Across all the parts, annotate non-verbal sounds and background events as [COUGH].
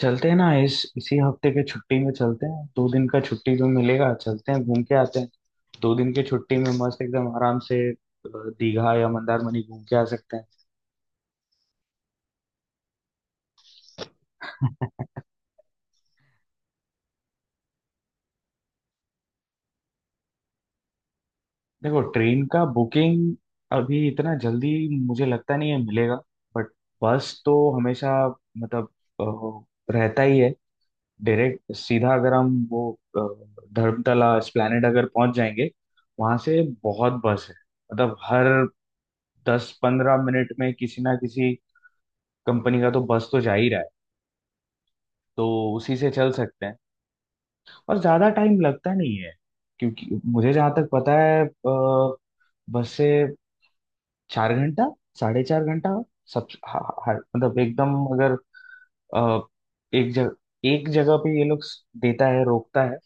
चलते हैं ना इस इसी हफ्ते के छुट्टी में चलते हैं, 2 दिन का छुट्टी जो मिलेगा चलते हैं घूम के आते हैं। 2 दिन की छुट्टी में मस्त एकदम आराम से दीघा या मंदारमनी घूम के आ सकते हैं। [LAUGHS] देखो, ट्रेन का बुकिंग अभी इतना जल्दी मुझे लगता नहीं है मिलेगा। बट बस तो हमेशा मतलब रहता ही है। डायरेक्ट सीधा अगर हम वो अ, धर्मतला एस्प्लेनेड अगर पहुंच जाएंगे, वहां से बहुत बस है। मतलब हर 10-15 मिनट में किसी ना किसी कंपनी का तो बस तो जा ही रहा है, तो उसी से चल सकते हैं। और ज्यादा टाइम लगता नहीं है क्योंकि मुझे जहां तक पता है बस से 4 घंटा, साढ़े 4 घंटा, सब हा- हा- मतलब एकदम अगर अ, एक जगह एक जगह पे ये लोग देता है रोकता है,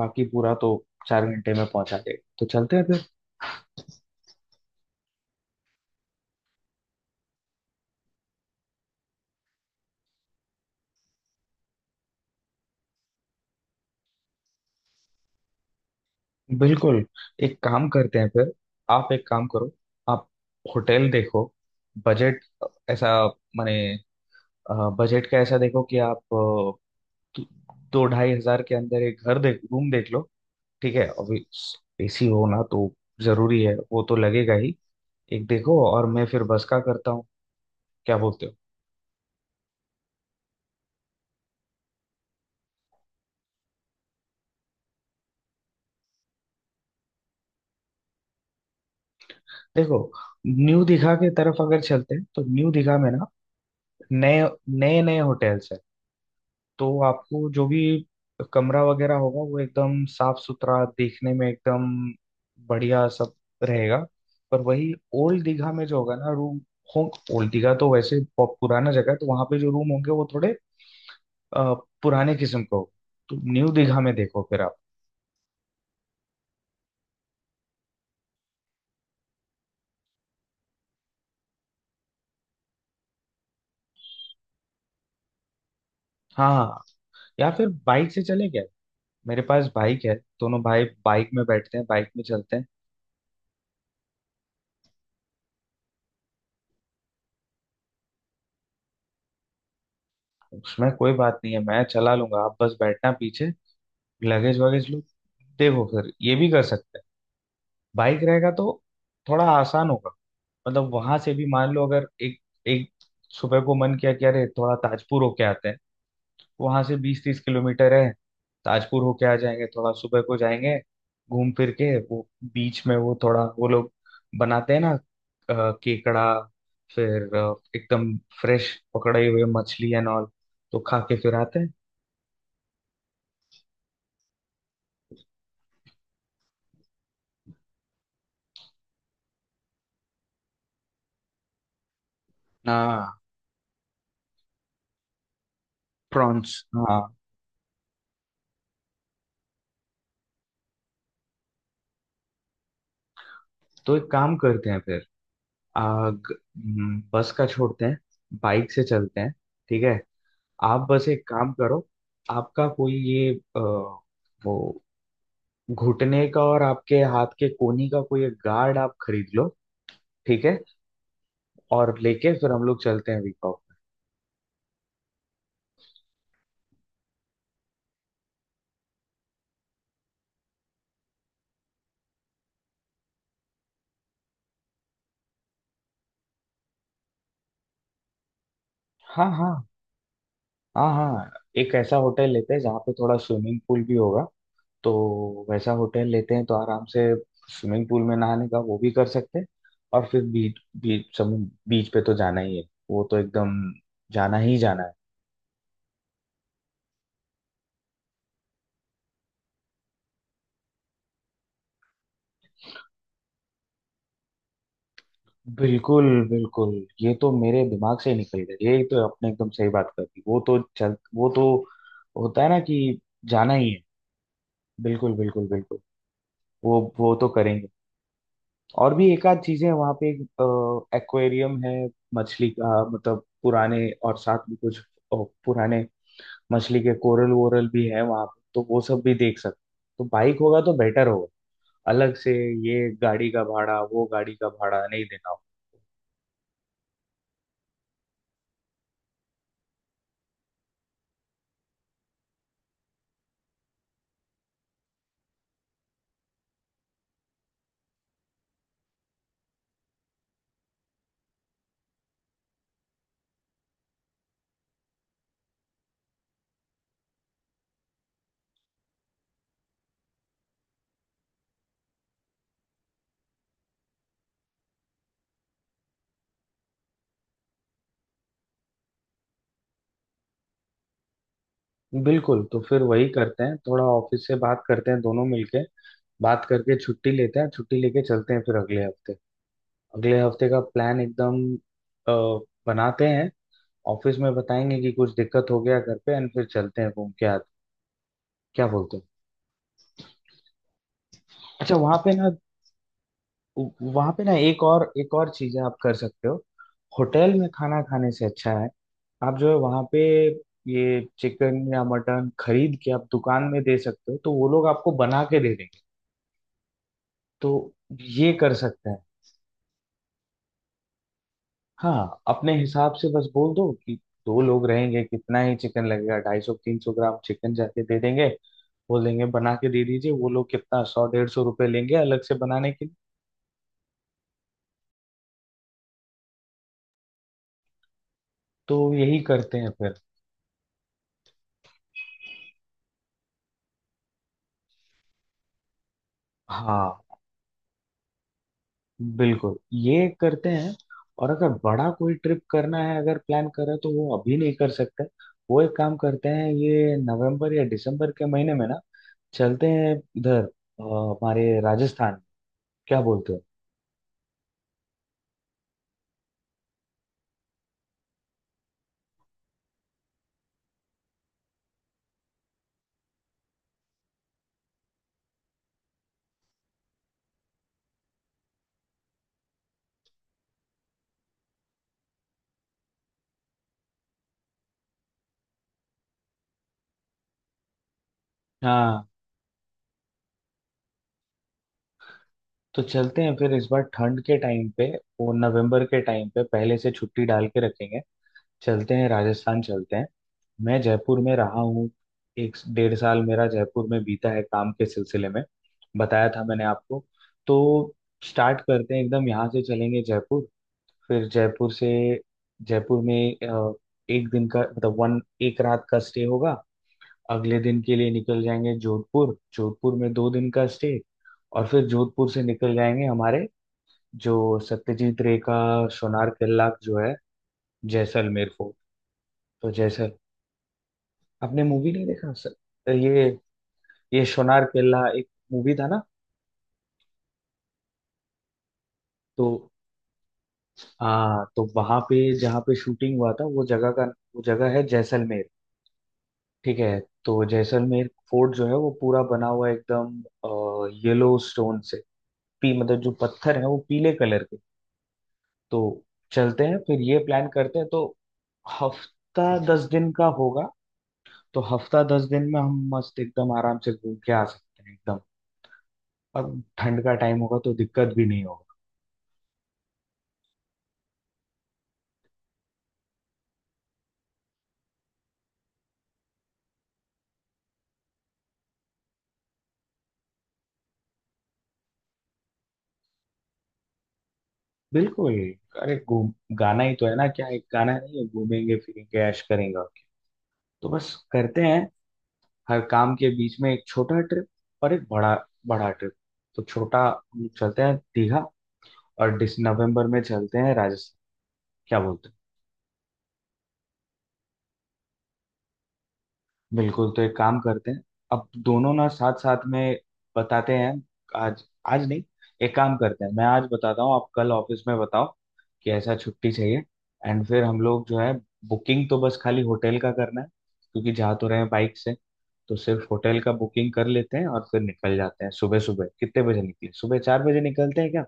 बाकी पूरा तो 4 घंटे में पहुंचा देगा, तो चलते हैं फिर। बिल्कुल, एक काम करते हैं फिर, आप एक काम करो, आप होटल देखो। बजट ऐसा, माने बजट का ऐसा देखो कि आप दो दो ढाई हजार के अंदर एक घर देख, रूम देख लो। ठीक है अभी, एसी हो ना तो, जरूरी है वो तो लगेगा ही। एक देखो और मैं फिर बस का करता हूँ, क्या बोलते हो? देखो, न्यू दिघा की तरफ अगर चलते हैं तो न्यू दिघा में ना नए नए नए होटल्स हैं, तो आपको जो भी कमरा वगैरह होगा वो एकदम साफ सुथरा, देखने में एकदम बढ़िया सब रहेगा। पर वही ओल्ड दीघा में जो होगा ना रूम हो, ओल्ड दीघा तो वैसे बहुत पुराना जगह है, तो वहां पे जो रूम होंगे वो थोड़े अ, पुराने किस्म का होगा, तो न्यू दीघा में देखो फिर आप। हाँ, या फिर बाइक से चले गए, मेरे पास बाइक है, दोनों भाई बाइक में बैठते हैं, बाइक में चलते हैं। उसमें कोई बात नहीं है, मैं चला लूंगा, आप बस बैठना पीछे, लगेज वगैज लो। देखो फिर ये भी कर सकते हैं, बाइक रहेगा तो थोड़ा आसान होगा। मतलब वहां से भी मान लो अगर एक एक सुबह को मन किया कि अरे थोड़ा ताजपुर होके आते हैं, वहां से 20-30 किलोमीटर है, ताजपुर होके आ जाएंगे, थोड़ा सुबह को जाएंगे, घूम फिर के वो बीच में, वो थोड़ा वो लोग बनाते हैं ना केकड़ा, फिर एकदम फ्रेश पकड़े हुए मछली एंड ऑल, तो खा के फिर आते हैं। हाँ, प्रॉन्स हाँ। तो एक काम करते हैं फिर, बस का छोड़ते हैं, बाइक से चलते हैं, ठीक है। आप बस एक काम करो, आपका कोई ये वो घुटने का और आपके हाथ के कोहनी का कोई एक गार्ड आप खरीद लो, ठीक है। और लेके फिर हम लोग चलते हैं, वीक ऑफ। हाँ, हाँ, हाँ, हाँ। एक ऐसा होटल लेते हैं जहाँ पे थोड़ा स्विमिंग पूल भी होगा, तो वैसा होटल लेते हैं तो आराम से स्विमिंग पूल में नहाने का वो भी कर सकते हैं। और फिर बीच बीच समुद्र बीच पे तो जाना ही है, वो तो एकदम जाना ही जाना है। बिल्कुल, बिल्कुल, ये तो मेरे दिमाग से ही निकल गया, ये तो आपने एकदम सही बात कर दी। वो तो होता है ना कि जाना ही है, बिल्कुल, बिल्कुल, बिल्कुल, वो तो करेंगे। और भी एक आध चीजें हैं वहाँ पे, एक्वेरियम है, मछली का मतलब पुराने और साथ में कुछ अ, पुराने मछली के कोरल वोरल भी है वहां पे, तो वो सब भी देख सकते। तो बाइक होगा तो बेटर होगा, अलग से ये गाड़ी का भाड़ा वो गाड़ी का भाड़ा नहीं देना होगा। बिल्कुल, तो फिर वही करते हैं, थोड़ा ऑफिस से बात करते हैं दोनों मिलके, बात करके छुट्टी लेते हैं, छुट्टी लेके चलते हैं फिर अगले हफ्ते का प्लान एकदम अ, बनाते हैं, ऑफिस में बताएंगे कि कुछ दिक्कत हो गया घर पे, एंड फिर चलते हैं घूम के आते हैं। क्या बोलते हो? अच्छा, वहां पे ना एक और चीजें आप कर सकते हो। होटल में खाना खाने से अच्छा है आप जो है वहां पे ये चिकन या मटन खरीद के आप दुकान में दे सकते हो, तो वो लोग आपको बना के दे देंगे, तो ये कर सकते हैं। हाँ, अपने हिसाब से बस बोल दो कि दो लोग रहेंगे, कितना ही चिकन लगेगा, 250-300 ग्राम चिकन जाके दे देंगे, बोल देंगे बना के दे दीजिए, वो लोग कितना, 100-150 रुपये लेंगे अलग से बनाने के लिए। तो यही करते हैं फिर। हाँ, बिल्कुल, ये करते हैं। और अगर बड़ा कोई ट्रिप करना है, अगर प्लान कर रहे हैं, तो वो अभी नहीं कर सकते, वो एक काम करते हैं, ये नवंबर या दिसंबर के महीने में ना चलते हैं इधर हमारे राजस्थान, क्या बोलते हो? हाँ, तो चलते हैं फिर इस बार ठंड के टाइम पे, वो नवंबर के टाइम पे पहले से छुट्टी डाल के रखेंगे। चलते हैं राजस्थान, चलते हैं। मैं जयपुर में रहा हूँ, एक डेढ़ साल मेरा जयपुर में बीता है काम के सिलसिले में, बताया था मैंने आपको। तो स्टार्ट करते हैं एकदम यहाँ से, चलेंगे जयपुर, फिर जयपुर से, जयपुर में एक दिन का मतलब वन एक रात का स्टे होगा। अगले दिन के लिए निकल जाएंगे जोधपुर, जोधपुर में 2 दिन का स्टे, और फिर जोधपुर से निकल जाएंगे हमारे जो सत्यजीत रे का सोनार किला जो है, जैसलमेर फोर्ट। तो जैसल आपने मूवी नहीं देखा सर? ये ये सोनार केला एक मूवी था ना? तो तो वहां पे जहाँ पे शूटिंग हुआ था वो जगह का, वो जगह है जैसलमेर, ठीक है। तो जैसलमेर फोर्ट जो है वो पूरा बना हुआ है एकदम येलो स्टोन से, पी मतलब जो पत्थर है वो पीले कलर के। तो चलते हैं फिर, ये प्लान करते हैं। तो हफ्ता 10 दिन का होगा, तो हफ्ता दस दिन में हम मस्त एकदम आराम से घूम के आ सकते हैं एकदम। और ठंड का टाइम होगा तो दिक्कत भी नहीं। बिल्कुल, अरे घूम गाना ही तो है ना, क्या एक गाना नहीं है, घूमेंगे फिरेंगे ऐश करेंगे। तो बस करते हैं, हर काम के बीच में एक छोटा ट्रिप और एक बड़ा बड़ा ट्रिप। तो छोटा हम लोग चलते हैं दीघा, और दिस नवंबर में चलते हैं राजस्थान, क्या बोलते हो? बिल्कुल, तो एक काम करते हैं, अब दोनों ना साथ साथ में बताते हैं आज आज नहीं, एक काम करते हैं, मैं आज बताता हूँ, आप कल ऑफिस में बताओ कि ऐसा छुट्टी चाहिए। एंड फिर हम लोग जो है, बुकिंग तो बस खाली होटल का करना है क्योंकि जा तो रहे हैं बाइक से, तो सिर्फ होटल का बुकिंग कर लेते हैं, और फिर निकल जाते हैं सुबह सुबह, कितने बजे निकले, सुबह 4 बजे निकलते हैं क्या?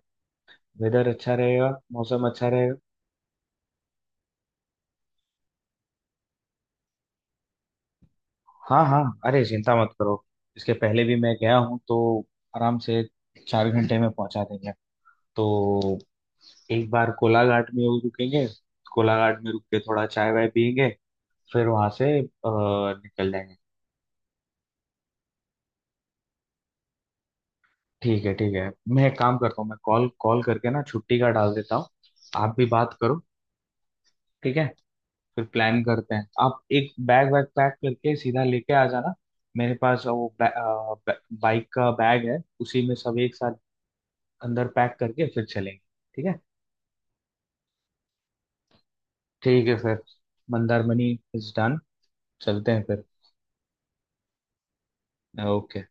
वेदर अच्छा रहेगा, मौसम अच्छा रहेगा। हाँ हाँ, अरे चिंता मत करो, इसके पहले भी मैं गया हूँ, तो आराम से 4 घंटे में पहुंचा देंगे। तो एक बार कोलाघाट में वो रुकेंगे, कोलाघाट में रुक के थोड़ा चाय वाय पियेंगे, फिर वहां से निकल जाएंगे। ठीक है, ठीक है। मैं एक काम करता हूँ, मैं कॉल कॉल करके ना छुट्टी का डाल देता हूँ, आप भी बात करो, ठीक है? फिर प्लान करते हैं, आप एक बैग वैग पैक करके सीधा लेके आ जाना, मेरे पास वो बाइक का बैग है, उसी में सब एक साथ अंदर पैक करके फिर चलेंगे, ठीक है? ठीक है फिर, मंदारमनी इज डन, चलते हैं फिर। ओके।